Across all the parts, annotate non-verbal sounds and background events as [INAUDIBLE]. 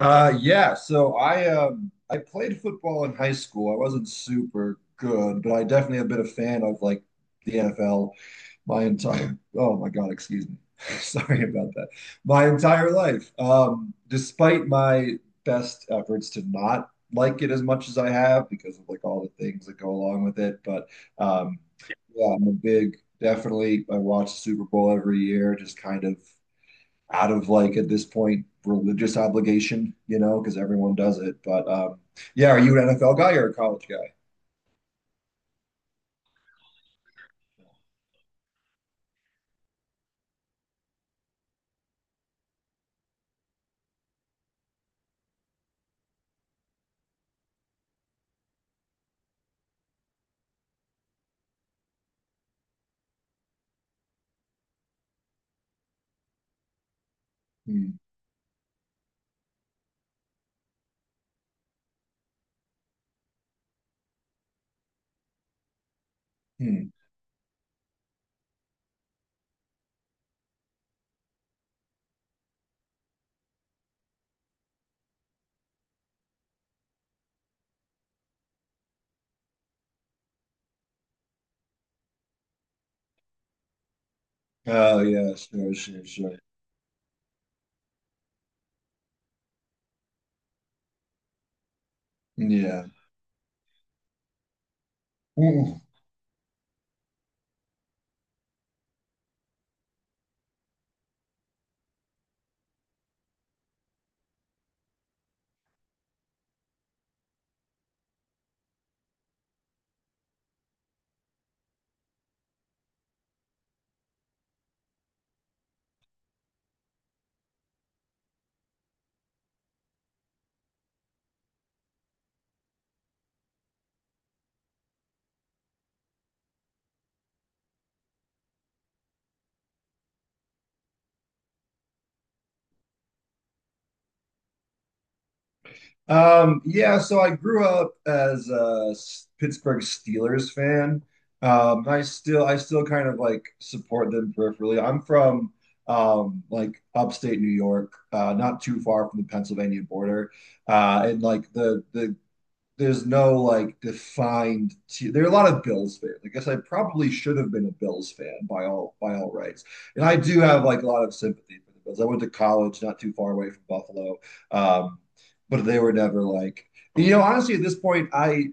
Yeah. So I played football in high school. I wasn't super good, but I definitely have been a fan of like the NFL my entire. Oh my God, excuse me. [LAUGHS] Sorry about that. My entire life. Despite my best efforts to not like it as much as I have because of like all the things that go along with it, but um, yeah, I'm a big. Definitely, I watch the Super Bowl every year. Just kind of out of like at this point religious obligation, you know, because everyone does it. But yeah, are you an NFL guy or a college guy? Hmm. Hmm. Oh yeah, sure, sure, sure. Yeah. Ooh. Yeah, so I grew up as a Pittsburgh Steelers fan. I still kind of like support them peripherally. I'm from like upstate New York, not too far from the Pennsylvania border. And like the there's no like defined there are a lot of Bills fans. I guess I probably should have been a Bills fan by all rights. And I do have like a lot of sympathy for the Bills. I went to college not too far away from Buffalo. Um, but they were never like you know, honestly at this point I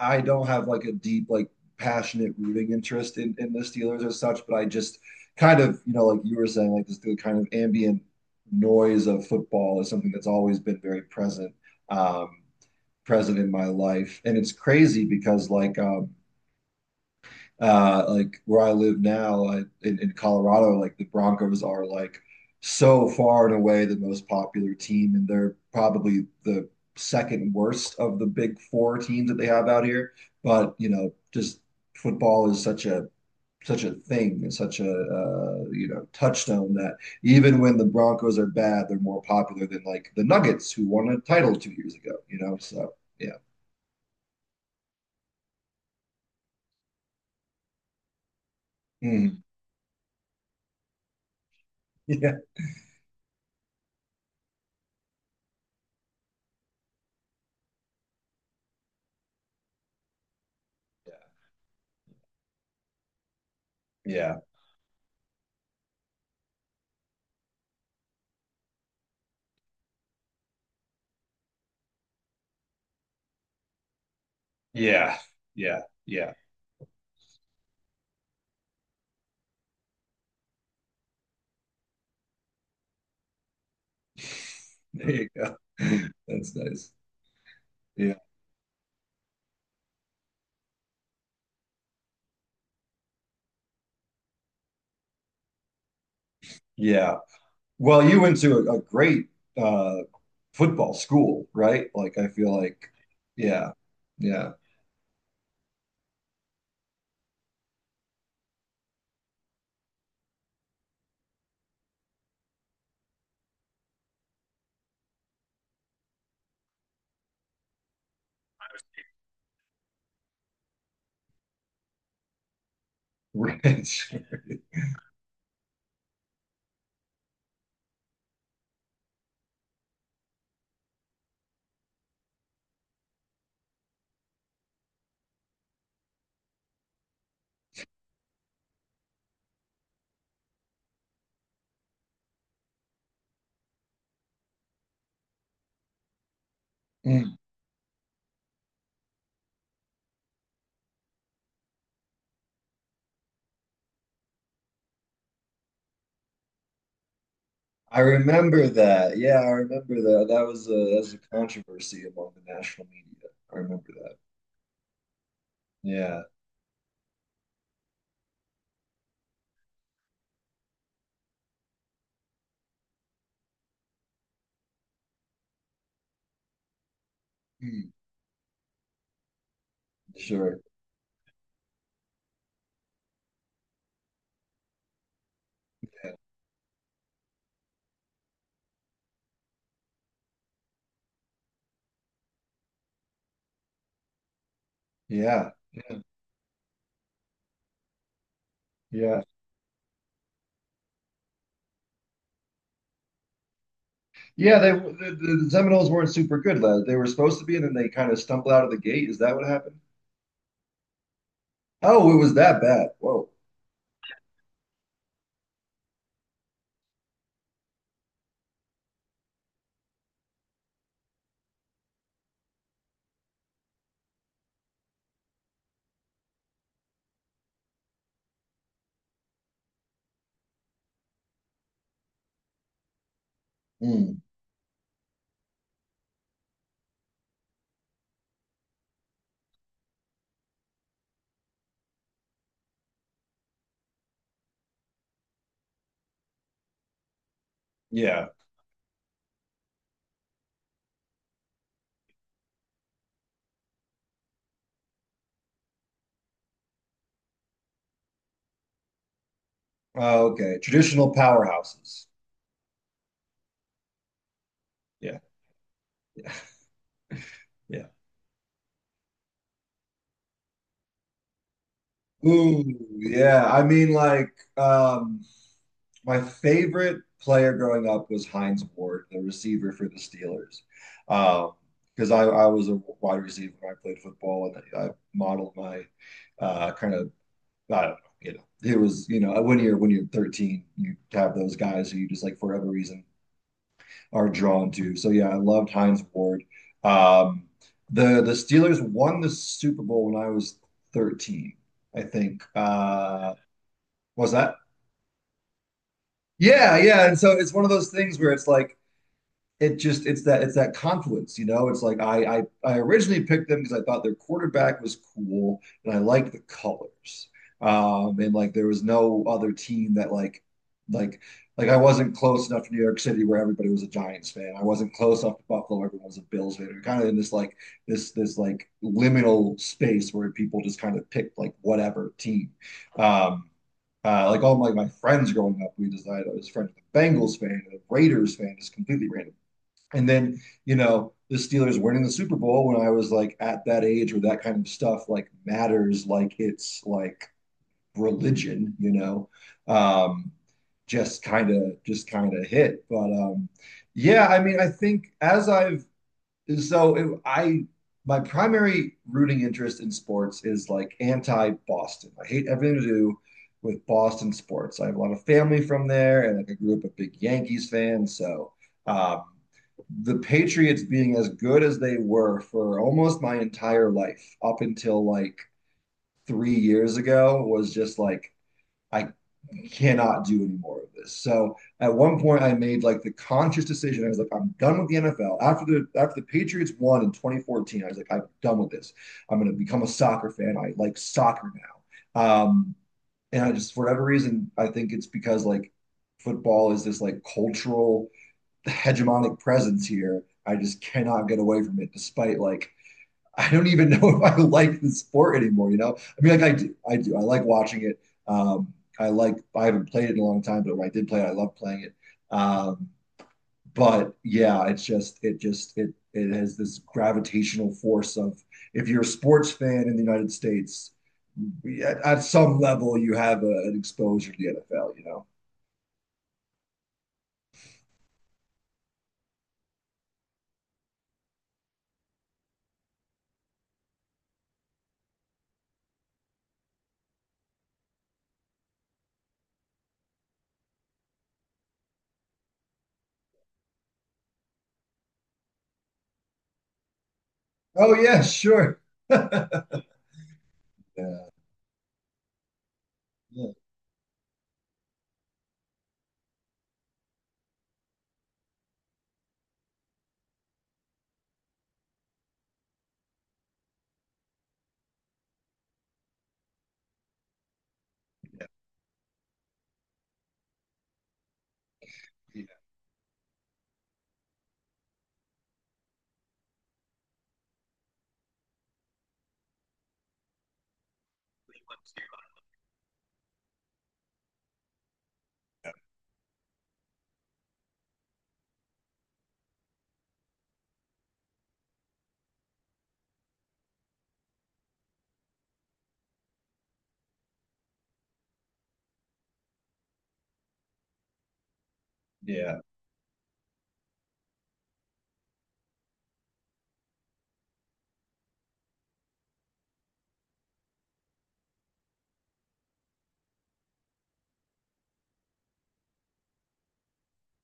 I don't have like a deep like passionate rooting interest in the Steelers as such, but I just kind of, you know, like you were saying, like this the kind of ambient noise of football is something that's always been very present. Um, present in my life. And it's crazy because like where I live now in Colorado, like the Broncos are like so far and away the most popular team, and they're probably the second worst of the big four teams that they have out here. But you know, just football is such a such a thing and such a you know touchstone that even when the Broncos are bad, they're more popular than like the Nuggets who won a title two years ago. You know, so yeah. Mhm. Yeah. Yeah. Yeah. Yeah. Yeah. [LAUGHS] There you go. [LAUGHS] That's nice. Yeah. Yeah. Well, you went to a great uh football school, right? Like I feel like yeah. Yeah. [LAUGHS] Rich. Mm. I remember that. Yeah, I remember that. That was a controversy among the national media. I remember that. Yeah. Mm. Sure. Yeah. Yeah. Yeah. Yeah. Yeah, they the Seminoles weren't super good. Lad. They were supposed to be, and then they kind of stumbled out of the gate. Is that what happened? Oh, it was that bad. Whoa. Hmm. Yeah. Oh, okay. Traditional powerhouses. Yeah. Yeah. Yeah. Ooh, yeah. I mean, like, my favorite player growing up was Heinz Ward, the receiver for the Steelers. Um, because I was a wide receiver when I played football, and I modeled my kind of I don't know, you know, it was, you know, when you're 13, you have those guys who you just like for whatever reason are drawn to. So yeah, I loved Heinz Ward. Um, the Steelers won the Super Bowl when I was 13, I think. Was that? Yeah, yeah. And so it's one of those things where it's like it's that confluence, you know. It's like I originally picked them because I thought their quarterback was cool and I liked the colors. And like there was no other team that like like I wasn't close enough to New York City where everybody was a Giants fan. I wasn't close enough to Buffalo where everyone was a Bills fan. We are kind of in this like liminal space where people just kind of picked like whatever team. Um, like all my friends growing up, we decided I was friends with a Bengals fan and a Raiders fan, just completely random. And then, you know, the Steelers winning the Super Bowl when I was like at that age where that kind of stuff like matters, like it's like religion, you know, um, just kind of hit. But yeah, I mean, I think as I've so it, I my primary rooting interest in sports is like anti-Boston. I hate everything to do with Boston sports. I have a lot of family from there, and like I grew up a big Yankees fan. So um, the Patriots being as good as they were for almost my entire life up until like three years ago was just like I cannot do any more of this. So at one point, I made like the conscious decision. I was like, I'm done with the NFL. After the Patriots won in 2014, I was like, I'm done with this. I'm going to become a soccer fan. I like soccer now. And I just, for whatever reason, I think it's because like football is this like cultural hegemonic presence here. I just cannot get away from it, despite like I don't even [LAUGHS] know if I like the sport anymore. You know, I mean, like I do, I like watching it. Um, I like, I haven't played it in a long time, but when I did play it, I love playing it. Um, but yeah, it's just, it has this gravitational force of if you're a sports fan in the United States, at some level, you have an exposure to the NFL. You know? Oh yeah, sure. [LAUGHS] Yeah, yeah, yeah. Yeah.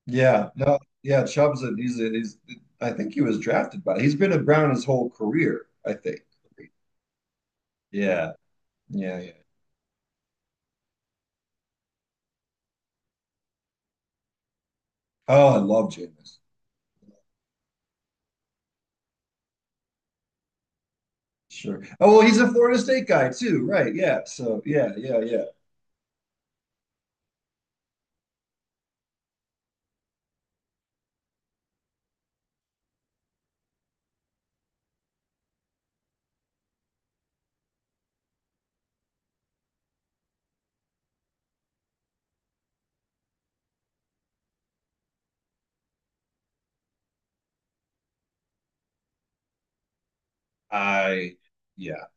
Yeah, no, yeah, Chubb's a, he's I think he was drafted by he's been a Brown his whole career, I think. Yeah, yeah, yeah. Oh, I love Jameis. Sure. Oh, well, he's a Florida State guy too, right? Yeah. So yeah, yeah, yeah. I Yeah,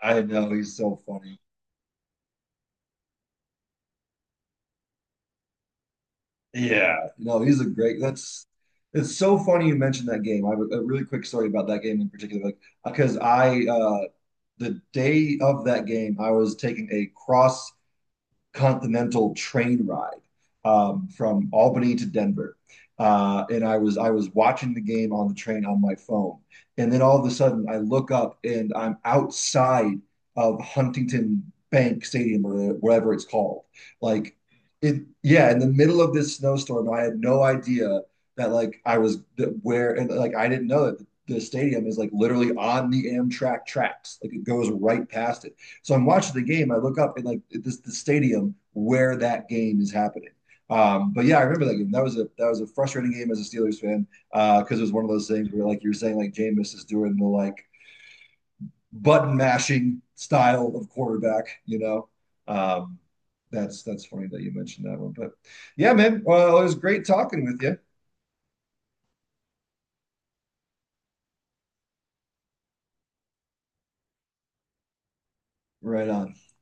I know he's so funny. Yeah, no, he's a great. That's It's so funny you mentioned that game. I have a really quick story about that game in particular, like because I the day of that game, I was taking a cross continental train ride from Albany to Denver. And I was watching the game on the train on my phone, and then all of a sudden I look up and I'm outside of Huntington Bank Stadium or whatever it's called. Like, it yeah, in the middle of this snowstorm, I had no idea that like I was where and like I didn't know that the stadium is like literally on the Amtrak tracks. Like it goes right past it. So I'm watching the game. I look up and like this the stadium where that game is happening. But yeah, I remember that game. That was a frustrating game as a Steelers fan because it was one of those things where like you were saying like Jameis is doing the like button mashing style of quarterback. You know, um, that's funny that you mentioned that one. But yeah, man, well, it was great talking with you. Right on.